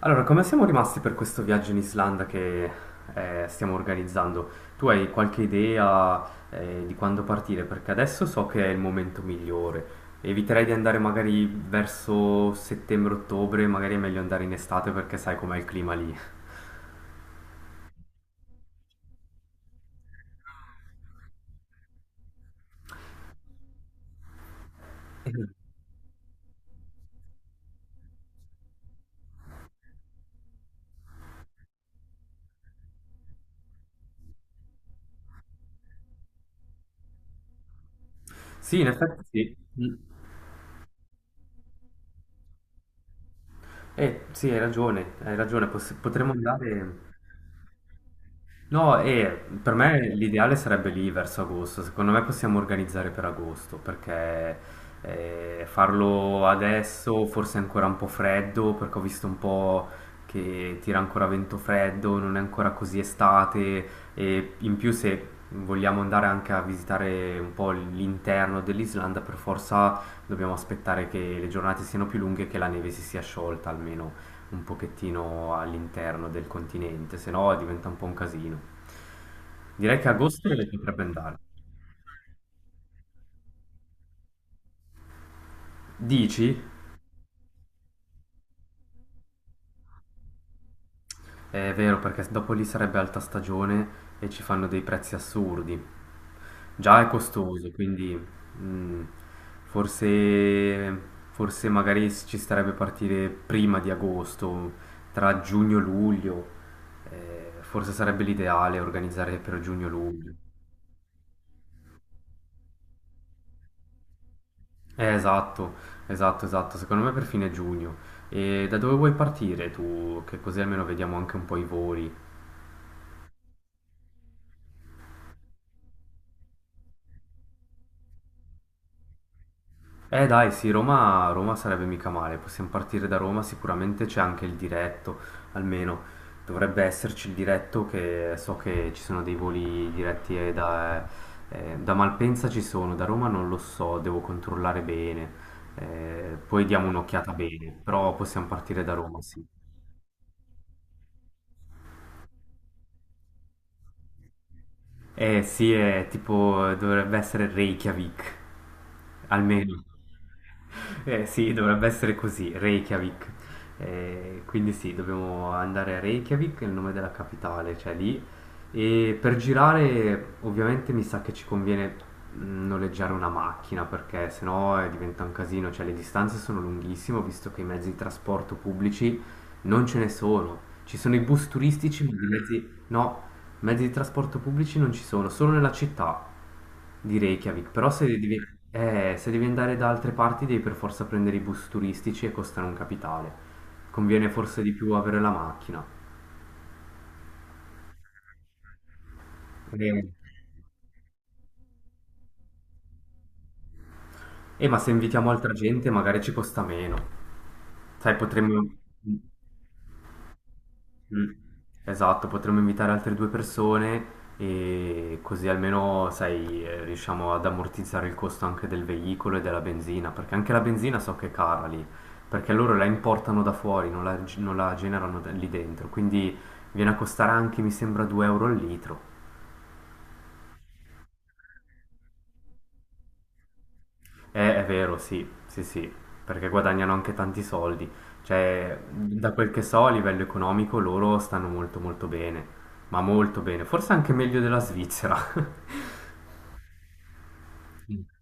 Allora, come siamo rimasti per questo viaggio in Islanda che stiamo organizzando? Tu hai qualche idea di quando partire? Perché adesso so che è il momento migliore. Eviterei di andare magari verso settembre-ottobre, magari è meglio andare in estate perché sai com'è il clima lì. Sì, in effetti sì. Mm. Sì, hai ragione, potremmo andare... No, e per me l'ideale sarebbe lì verso agosto. Secondo me possiamo organizzare per agosto perché farlo adesso forse è ancora un po' freddo perché ho visto un po' che tira ancora vento freddo, non è ancora così estate e in più se vogliamo andare anche a visitare un po' l'interno dell'Islanda per forza dobbiamo aspettare che le giornate siano più lunghe e che la neve si sia sciolta almeno un pochettino all'interno del continente, se no diventa un po' un casino. Direi che agosto sì, le potrebbe andare. Dici? È vero, perché dopo lì sarebbe alta stagione e ci fanno dei prezzi assurdi. Già è costoso, quindi mm, forse, forse magari ci starebbe partire prima di agosto, tra giugno e luglio. Forse sarebbe l'ideale organizzare per giugno-luglio. Esatto, esatto, esatto, secondo me per fine giugno. E da dove vuoi partire tu? Che così almeno vediamo anche un po' i voli. Dai, sì, Roma, Roma sarebbe mica male, possiamo partire da Roma, sicuramente c'è anche il diretto, almeno dovrebbe esserci il diretto che so che ci sono dei voli diretti da Malpensa ci sono, da Roma non lo so, devo controllare bene. Poi diamo un'occhiata bene, però possiamo partire da Roma, sì. Eh sì, è tipo, dovrebbe essere Reykjavik, almeno. Eh sì, dovrebbe essere così, Reykjavik. Quindi sì, dobbiamo andare a Reykjavik, è il nome della capitale, cioè lì. E per girare, ovviamente mi sa che ci conviene noleggiare una macchina perché sennò diventa un casino, cioè le distanze sono lunghissime, ho visto che i mezzi di trasporto pubblici non ce ne sono. Ci sono i bus turistici, ma di mezzi... No, mezzi di trasporto pubblici non ci sono, solo nella città di Reykjavik, però se devi, se devi andare da altre parti devi per forza prendere i bus turistici e costano un capitale. Conviene forse di più avere la macchina. Eh, ma se invitiamo altra gente magari ci costa meno. Sai, potremmo... Mm. Esatto, potremmo invitare altre due persone e così almeno, sai, riusciamo ad ammortizzare il costo anche del veicolo e della benzina, perché anche la benzina so che è cara lì, perché loro la importano da fuori, non la generano lì dentro, quindi viene a costare anche, mi sembra, 2 euro al litro. È vero, sì, sì, sì, perché guadagnano anche tanti soldi, cioè, da quel che so a livello economico loro stanno molto molto bene, ma molto bene, forse anche meglio della Svizzera.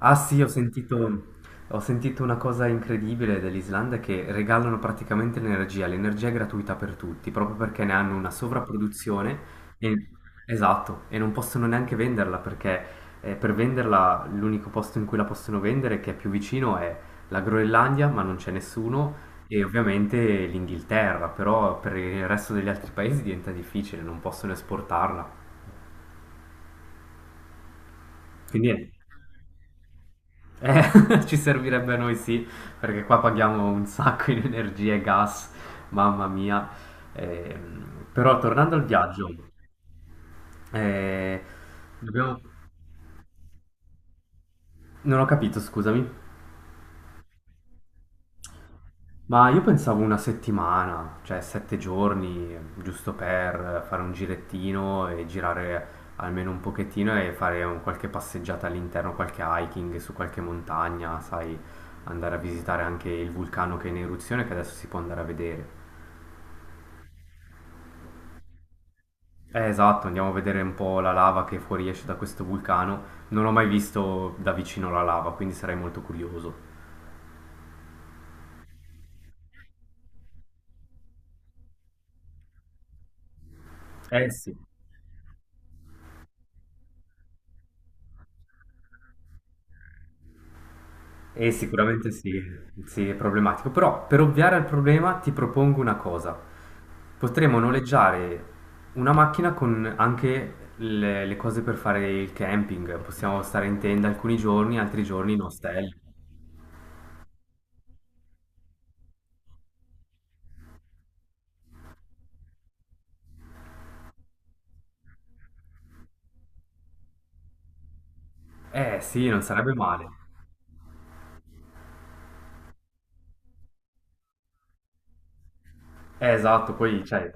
Ah sì, ho sentito una cosa incredibile dell'Islanda che regalano praticamente l'energia, l'energia è gratuita per tutti, proprio perché ne hanno una sovrapproduzione e, esatto, e non possono neanche venderla perché per venderla l'unico posto in cui la possono vendere che è più vicino è la Groenlandia, ma non c'è nessuno, e ovviamente l'Inghilterra, però per il resto degli altri paesi diventa difficile, non possono esportarla. Quindi è ci servirebbe a noi sì, perché qua paghiamo un sacco in energia e gas, mamma mia. Però tornando al viaggio, eh, dobbiamo- non ho capito, scusami, ma io pensavo una settimana, cioè 7 giorni, giusto per fare un girettino e girare almeno un pochettino e fare qualche passeggiata all'interno, qualche hiking su qualche montagna, sai, andare a visitare anche il vulcano che è in eruzione che adesso si può andare a vedere. Esatto, andiamo a vedere un po' la lava che fuoriesce da questo vulcano. Non ho mai visto da vicino la lava, quindi sarei molto curioso. Eh sì. Sicuramente sì, sì, è problematico. Però per ovviare al problema ti propongo una cosa. Potremmo noleggiare una macchina con anche le cose per fare il camping. Possiamo stare in tenda alcuni giorni, altri giorni in ostello. Eh sì, non sarebbe male. Esatto, poi cioè,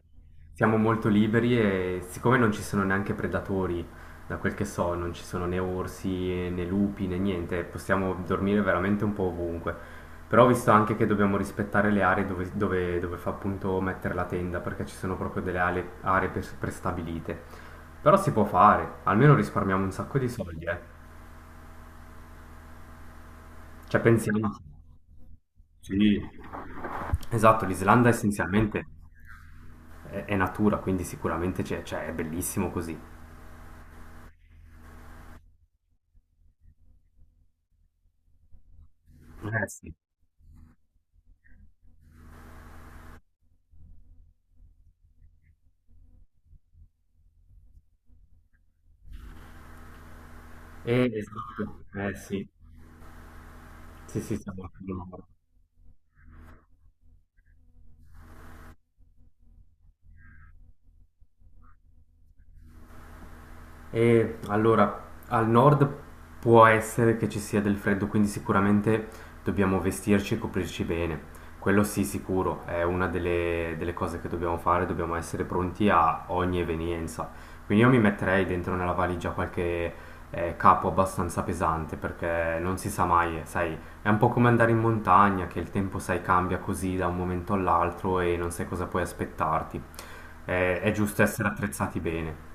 siamo molto liberi e siccome non ci sono neanche predatori, da quel che so, non ci sono né orsi né lupi né niente, possiamo dormire veramente un po' ovunque. Però ho visto anche che dobbiamo rispettare le aree dove fa appunto mettere la tenda, perché ci sono proprio delle aree prestabilite. Però si può fare, almeno risparmiamo un sacco di soldi, eh. Cioè pensiamo... Sì. Esatto, l'Islanda essenzialmente è natura, quindi sicuramente cioè, è bellissimo così. Eh sì, sì, esatto, eh sì, sì, sì, siamo al Polo Nord. E allora, al nord può essere che ci sia del freddo, quindi sicuramente dobbiamo vestirci e coprirci bene. Quello sì, sicuro, è una delle cose che dobbiamo fare, dobbiamo essere pronti a ogni evenienza. Quindi io mi metterei dentro nella valigia qualche capo abbastanza pesante, perché non si sa mai, sai, è un po' come andare in montagna, che il tempo, sai, cambia così da un momento all'altro e non sai cosa puoi aspettarti. È giusto essere attrezzati bene.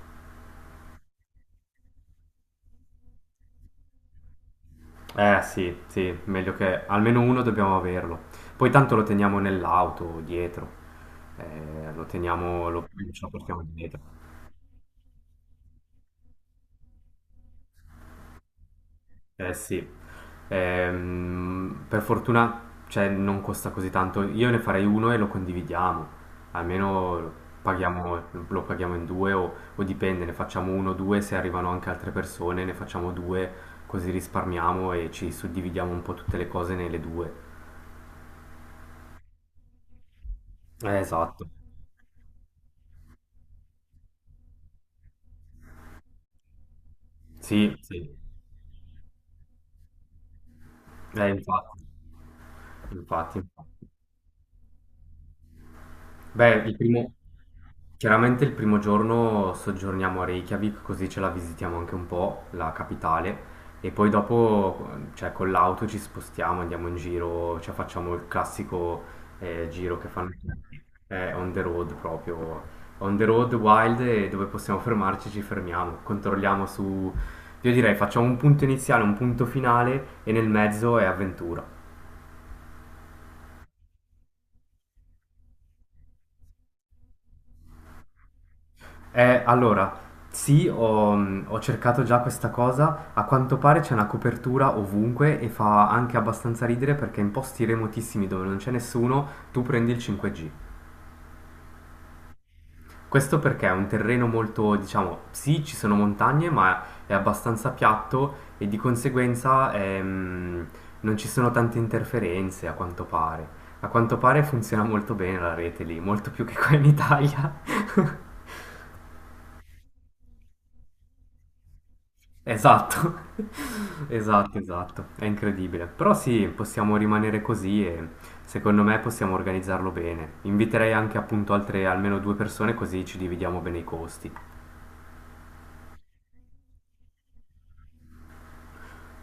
Eh sì, sì, meglio che almeno uno dobbiamo averlo. Poi tanto lo teniamo nell'auto, dietro. Lo teniamo, lo, ce lo portiamo dietro. Eh sì, per fortuna, cioè, non costa così tanto. Io ne farei uno e lo condividiamo. Almeno paghiamo- lo paghiamo in due o dipende, ne facciamo uno o due, se arrivano anche altre persone, ne facciamo due, così risparmiamo e ci suddividiamo un po' tutte le cose nelle due. Esatto. Sì, sì. Infatti, infatti, infatti. Beh, il primo, chiaramente il primo giorno soggiorniamo a Reykjavik, così ce la visitiamo anche un po', la capitale, e poi dopo, cioè, con l'auto ci spostiamo, andiamo in giro, cioè, facciamo il classico giro che fanno tutti, on the road proprio, on the road wild, e dove possiamo fermarci ci fermiamo, controlliamo su, io direi facciamo un punto iniziale, un punto finale, e nel mezzo è avventura. Allora, sì, ho cercato già questa cosa. A quanto pare c'è una copertura ovunque e fa anche abbastanza ridere perché in posti remotissimi dove non c'è nessuno, tu prendi il 5G. Questo perché è un terreno molto, diciamo, sì, ci sono montagne, ma è abbastanza piatto e di conseguenza non ci sono tante interferenze, a quanto pare. A quanto pare funziona molto bene la rete lì, molto più che qua in Italia. Esatto, esatto, esatto, è incredibile. Però sì, possiamo rimanere così e secondo me possiamo organizzarlo bene. Inviterei anche appunto altre almeno due persone così ci dividiamo bene i costi.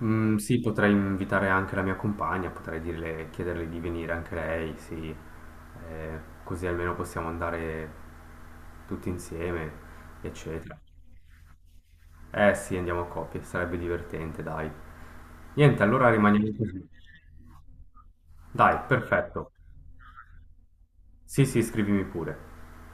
Mm, sì, potrei invitare anche la mia compagna, potrei dirle, chiederle di venire anche lei, sì, così almeno possiamo andare tutti insieme, eccetera. Eh sì, andiamo a coppie, sarebbe divertente, dai. Niente, allora rimaniamo così. Dai, perfetto. Sì, sì, scrivimi pure.